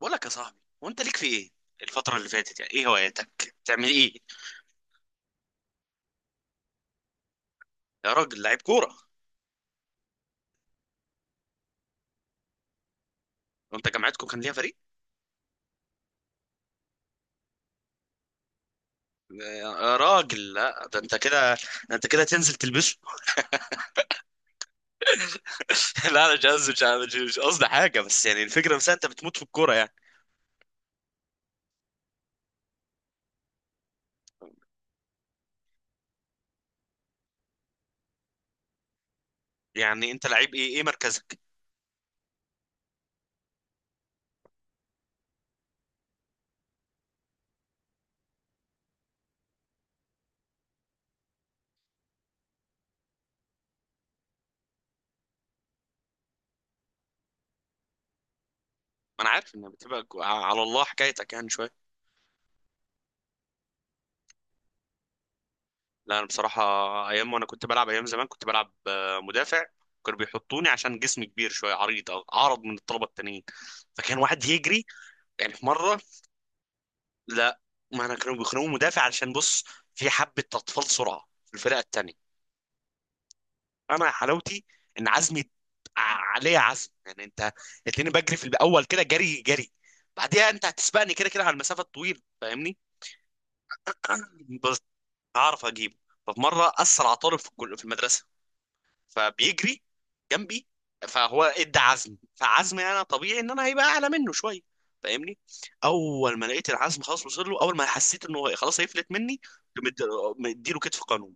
بقول لك يا صاحبي، وانت ليك في ايه الفترة اللي فاتت؟ يعني ايه هواياتك؟ بتعمل ايه؟ يا راجل لعيب كورة! وانت جامعتكم كان ليها فريق؟ يا راجل لا، ده انت كده، تنزل تلبسه. لا انا مش قصدي، مش قصدي حاجة، بس يعني الفكرة نفسها انت بتموت في الكورة يعني. يعني انت لعيب ايه مركزك؟ ما انا عارف انك بتبقى على الله حكايتك يعني شوية. لا انا بصراحة ايام وانا كنت بلعب، ايام زمان كنت بلعب مدافع. كانوا بيحطوني عشان جسمي كبير شوية، عريض او اعرض من الطلبة التانيين، فكان واحد يجري. يعني في مرة، لا ما انا كانوا بيخنقوا مدافع علشان بص، في حبة أطفال سرعة في الفرقة التانية. انا حلاوتي ان عزمي ع- عليه عزم. يعني انت اتلاقيني بجري في الاول كده جري جري، بعديها انت هتسبقني كده كده على المسافة الطويلة فاهمني؟ بس هعرف اجيبه. ففي مرة اسرع طالب في في المدرسة فبيجري جنبي، فهو ادى عزم فعزمي انا طبيعي ان انا هيبقى اعلى منه شويه فاهمني. اول ما لقيت العزم خلاص وصل له، اول ما حسيت انه خلاص هيفلت مني، مد- مديله كتف قانون.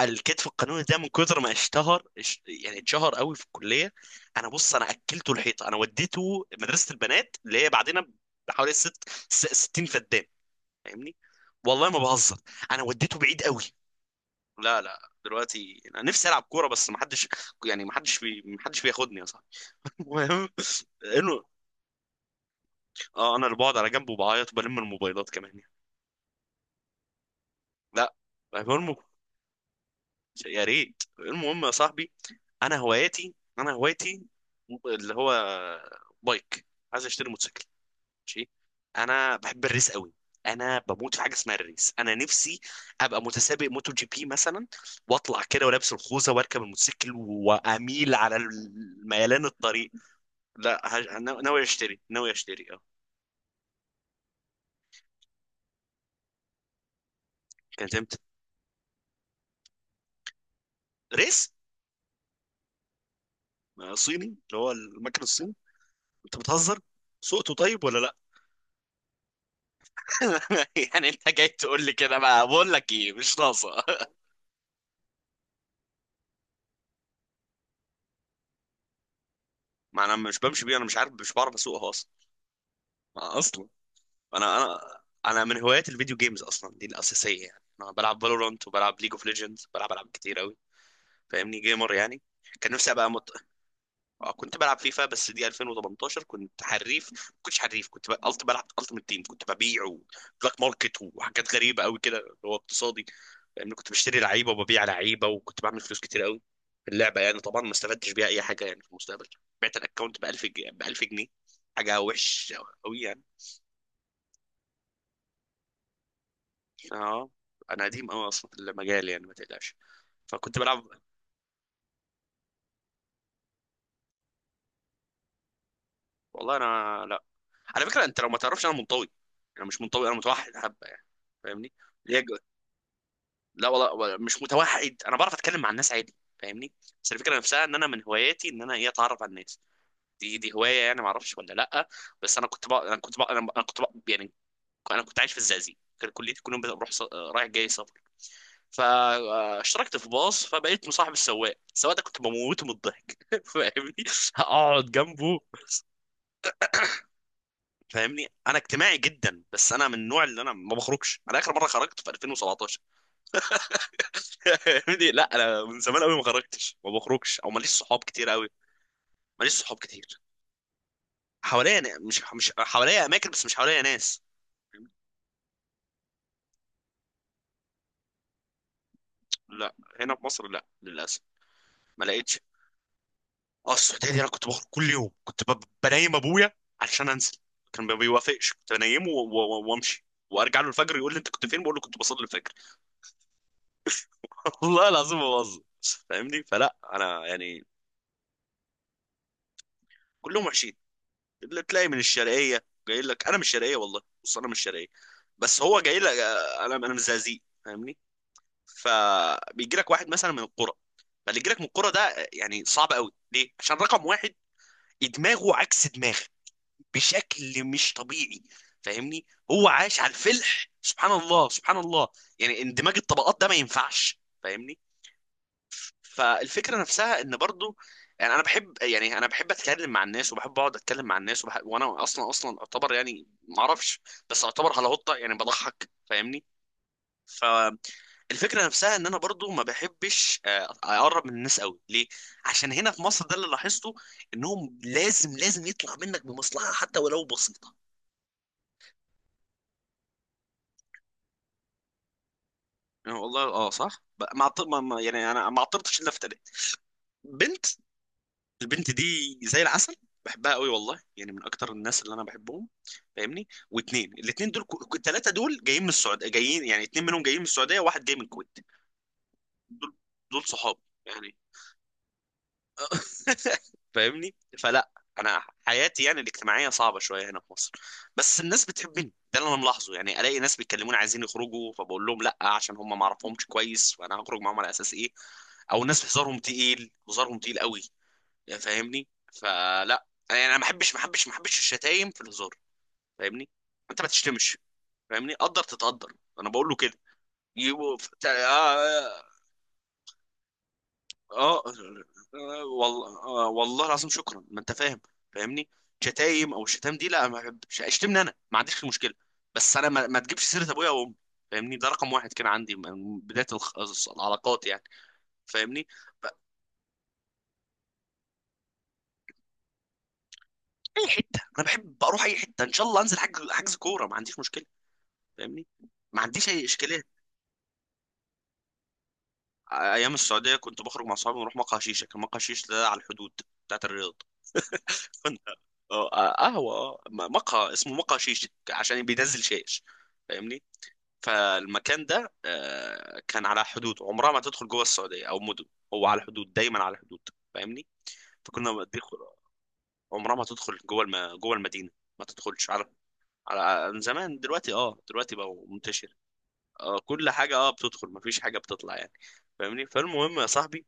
الكتف القانوني ده من كتر ما اشتهر يعني اتشهر قوي في الكليه. انا بص، انا اكلته الحيطه، انا وديته مدرسه البنات اللي هي بعدين بحوالي 60 فدان فاهمني. والله ما بهزر، انا وديته بعيد قوي. لا لا، دلوقتي انا نفسي العب كوره بس ما حدش، يعني ما حدش ما حدش بياخدني يا صاحبي. المهم انه اه انا اللي بقعد على جنب وبعيط وبلم الموبايلات كمان يعني. لا المهم، يا ريت. المهم يا صاحبي انا هوايتي اللي هو بايك. عايز اشتري موتوسيكل ماشي، انا بحب الريس قوي. انا بموت في حاجه اسمها الريس، انا نفسي ابقى متسابق موتو جي بي مثلا، واطلع كده ولابس الخوذه واركب الموتوسيكل واميل على ميلان الطريق. لا هج... أنا ناوي اشتري، ناوي اشتري. اه كانت امتى؟ ريس؟ صيني، اللي هو المكن الصيني. انت بتهزر، سوقته طيب ولا لا؟ يعني انت جاي تقول لي كده؟ بقى بقول لك ايه، مش ناقصه. ما انا مش بمشي بيه، انا مش عارف، مش بعرف اسوقها اصلا. ما اصلا انا انا انا من هوايات الفيديو جيمز اصلا، دي الاساسيه يعني. انا بلعب فالورانت وبلعب ليج اوف ليجندز، بلعب العاب كتير قوي فاهمني، جيمر يعني. كان نفسي ابقى كنت بلعب فيفا، بس دي 2018. كنت حريف، ما كنتش حريف كنت ب... قلت بلعب التيم تيم، كنت ببيع وبلاك ماركت وحاجات غريبه قوي كده، اللي هو اقتصادي. لان كنت بشتري لعيبه وببيع لعيبه وكنت بعمل فلوس كتير قوي في اللعبه يعني. طبعا ما استفدتش بيها اي حاجه يعني في المستقبل. بعت الاكونت ب 1000 جنيه، حاجه وحش قوي. اه انا قديم قوي اصلا في المجال، يعني ما تقلقش. فكنت بلعب. والله انا لا، على فكره انت لو ما تعرفش انا منطوي، انا مش منطوي، انا متوحد حبه يعني فاهمني. ليه جو- لا والله، مش متوحد، انا بعرف اتكلم مع الناس عادي فاهمني. بس الفكره نفسها ان انا من هواياتي ان انا ايه، اتعرف على الناس. دي هوايه يعني، ما اعرفش ولا لا؟ بس انا كنت بقى يعني، انا كنت عايش في الزقازيق، كان كليتي كل يوم بروح رايح جاي سفر. فاشتركت في باص فبقيت مصاحب السواق. السواق ده كنت بموته من الضحك فاهمني، اقعد جنبه. فاهمني انا اجتماعي جدا، بس انا من النوع اللي انا ما بخرجش. انا اخر مره خرجت في 2017 فاهمني. لا انا من زمان قوي ما خرجتش، ما بخرجش، او ماليش صحاب كتير قوي. ماليش صحاب كتير. حواليا مش حواليا اماكن بس مش حواليا ناس. لا هنا في مصر لا للاسف، ما لقيتش. اه السعوديه دي انا كنت بخرج كل يوم، كنت بنيم ابويا عشان انزل. كان ما بيوافقش، كنت بنيمه وامشي وارجع له الفجر، يقول لي انت كنت فين؟ بقول له كنت بصلي الفجر والله العظيم ما بهزر فاهمني. فلا انا يعني كلهم وحشين. اللي تلاقي من الشرقيه جاي لك، انا من الشرقيه والله، بص انا من الشرقيه، بس هو جاي لك، انا من الزقازيق فاهمني. فبيجي لك واحد مثلا من القرى، فاللي يجي لك من القرى ده يعني صعب قوي. ليه؟ عشان رقم واحد، دماغه عكس دماغك بشكل مش طبيعي فاهمني. هو عاش على الفلح، سبحان الله سبحان الله. يعني اندماج الطبقات ده ما ينفعش فاهمني. فالفكره نفسها ان برضو، يعني انا بحب، يعني انا بحب اتكلم مع الناس وبحب اقعد اتكلم مع الناس وبحب. وانا اصلا اصلا اعتبر يعني ما اعرفش، بس اعتبر هلاوطه يعني، بضحك فاهمني. ف الفكره نفسها ان انا برضو ما بحبش اقرب من الناس قوي. ليه؟ عشان هنا في مصر، ده اللي لاحظته، انهم لازم لازم يطلع منك بمصلحه حتى ولو بسيطه. يعني والله اه صح، ب- ما عط- ما ما- يعني انا ما عطرتش الا في تلات بنت. البنت دي زي العسل، بحبها قوي والله، يعني من اكتر الناس اللي انا بحبهم فاهمني. واتنين، الاتنين دول، الثلاثه دول جايين من السعوديه جايين، يعني اتنين منهم جايين من السعوديه وواحد جاي من الكويت. دول صحاب يعني فاهمني. فلا انا حياتي يعني الاجتماعيه صعبه شويه هنا في مصر. بس الناس بتحبني، ده اللي انا ملاحظه، يعني الاقي ناس بيتكلموني عايزين يخرجوا، فبقول لهم لا عشان هم ما اعرفهمش كويس، وانا هخرج معاهم على اساس ايه؟ او ناس هزارهم تقيل، هزارهم تقيل قوي يعني فاهمني. فلا يعني انا ما بحبش، ما بحبش الشتايم في الهزار فاهمني. انت ما تشتمش فاهمني قدر تتقدر، انا بقول له كده يو- ف- تع- اه آه، والله والله العظيم، شكرا، ما انت فاهم فاهمني. شتايم او الشتام دي، لا ما بحبش اشتمني انا، ما عنديش مشكله، بس انا ما تجيبش سيره ابويا وامي فاهمني. ده رقم واحد كان عندي من بدايه العلاقات يعني فاهمني. اي حته، انا بحب اروح اي حته، ان شاء الله انزل حجز حجز كوره، ما عنديش مشكله فاهمني، ما عنديش اي اشكاليه. ايام السعوديه كنت بخرج مع اصحابي ونروح مقهى شيشه. كان مقهى شيشه ده على الحدود بتاعت الرياض. فن- آه، قهوه، مقهى اسمه مقهى شيشه عشان بينزل شاش فاهمني. فالمكان ده كان على حدود، عمرها ما تدخل جوه السعوديه او مدن. هو على الحدود، دايما على الحدود فاهمني. فكنا بندخل. عمرها ما تدخل جوه جوه المدينه، ما تدخلش على، عن زمان. دلوقتي اه، دلوقتي بقى منتشر، اه كل حاجة بتدخل مفيش حاجة بتطلع يعني فاهمني. فالمهم يا صاحبي،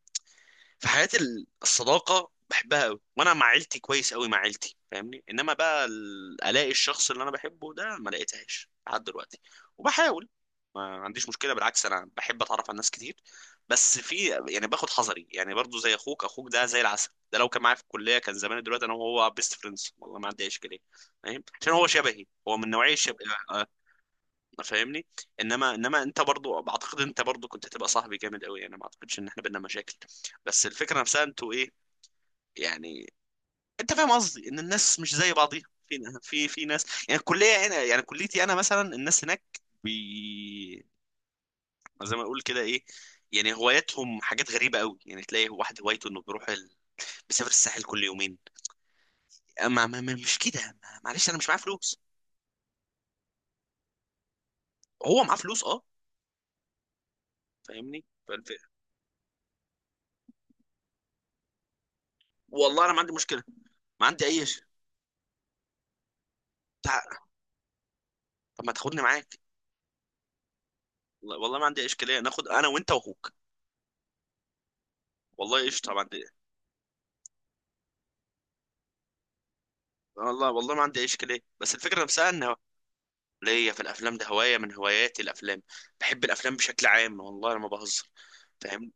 في حياة الصداقة بحبها قوي، وانا مع عيلتي كويس قوي مع عيلتي فاهمني. انما بقى الاقي الشخص اللي انا بحبه ده، ما لقيتهاش لحد دلوقتي، وبحاول. ما عنديش مشكلة بالعكس، انا بحب اتعرف على ناس كتير، بس في، يعني باخد حذري يعني برضو. زي اخوك، اخوك ده زي العسل، ده لو كان معايا في الكلية كان زمان دلوقتي انا وهو بيست فريندز، والله ما عندي اي اشكالية فاهم، عشان هو شبهي، هو من نوعية شبه فاهمني. انما انت برضو بعتقد، انت برضو كنت هتبقى صاحبي جامد قوي، انا ما اعتقدش ان احنا بينا مشاكل. بس الفكره نفسها انتوا ايه، يعني انت فاهم قصدي ان الناس مش زي بعضيها، في ناس يعني الكليه هنا يعني كليتي انا مثلا، الناس هناك بي زي ما اقول كده ايه، يعني هواياتهم حاجات غريبه قوي. يعني تلاقي واحد هوايته انه بيروح بيسافر الساحل كل يومين. اما مش كده، معلش انا مش معايا فلوس، هو معاه فلوس اه فاهمني والله انا ما عندي مشكله، ما عندي اي شيء، طب ما تاخدني معاك والله. والله ما عندي أي اشكاليه، ناخد انا وانت واخوك، والله قشطه ما عندي. والله والله ما عندي أي اشكاليه، بس الفكره نفسها ان ليا في الافلام ده، هوايه من هواياتي الافلام، بحب الافلام بشكل عام والله انا ما بهزر فاهم.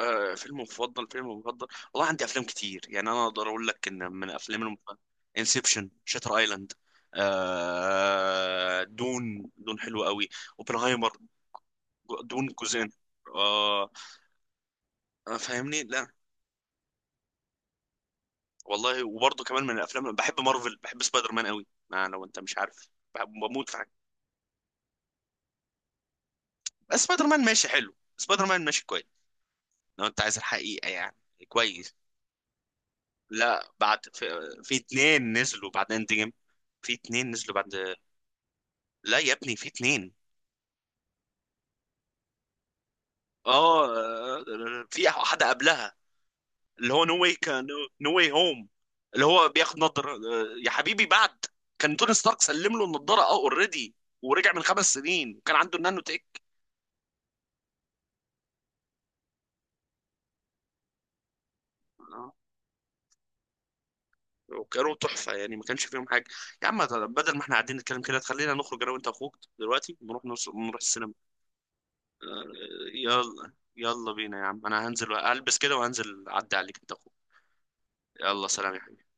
آه فيلم مفضل، فيلم مفضل، والله عندي افلام كتير. يعني انا اقدر اقول لك ان من افلام انسبشن، شاتر ايلاند، آه دون دون، حلو قوي. اوبنهايمر، دون جزئين آه فاهمني. لا والله، وبرضه كمان من الافلام بحب مارفل، بحب سبايدر مان قوي، ما لو انت مش عارف، بحب، بموت في حاجه. بس سبايدر مان ماشي حلو، سبايدر مان ماشي كويس، لو انت عايز الحقيقه يعني، كويس. لا بعد في اتنين نزلوا بعد اند جيم، في اتنين نزلوا بعد. لا يا ابني في اتنين، اه في واحده قبلها، اللي هو نو واي كان، نو واي هوم، اللي هو بياخد نضاره يا حبيبي بعد. كان توني ستارك سلم له النضاره اه اوريدي، ورجع من 5 سنين وكان عنده النانو تيك، وكانوا تحفه يعني ما كانش فيهم حاجه. يا عم طب بدل ما احنا قاعدين نتكلم كده، تخلينا نخرج انا وانت اخوك دلوقتي، ونروح نروح السينما. يلا يلا بينا يا عم، انا هنزل البس كده وهنزل اعدي عليك انت اخوك. يلا سلام يا حبيبي.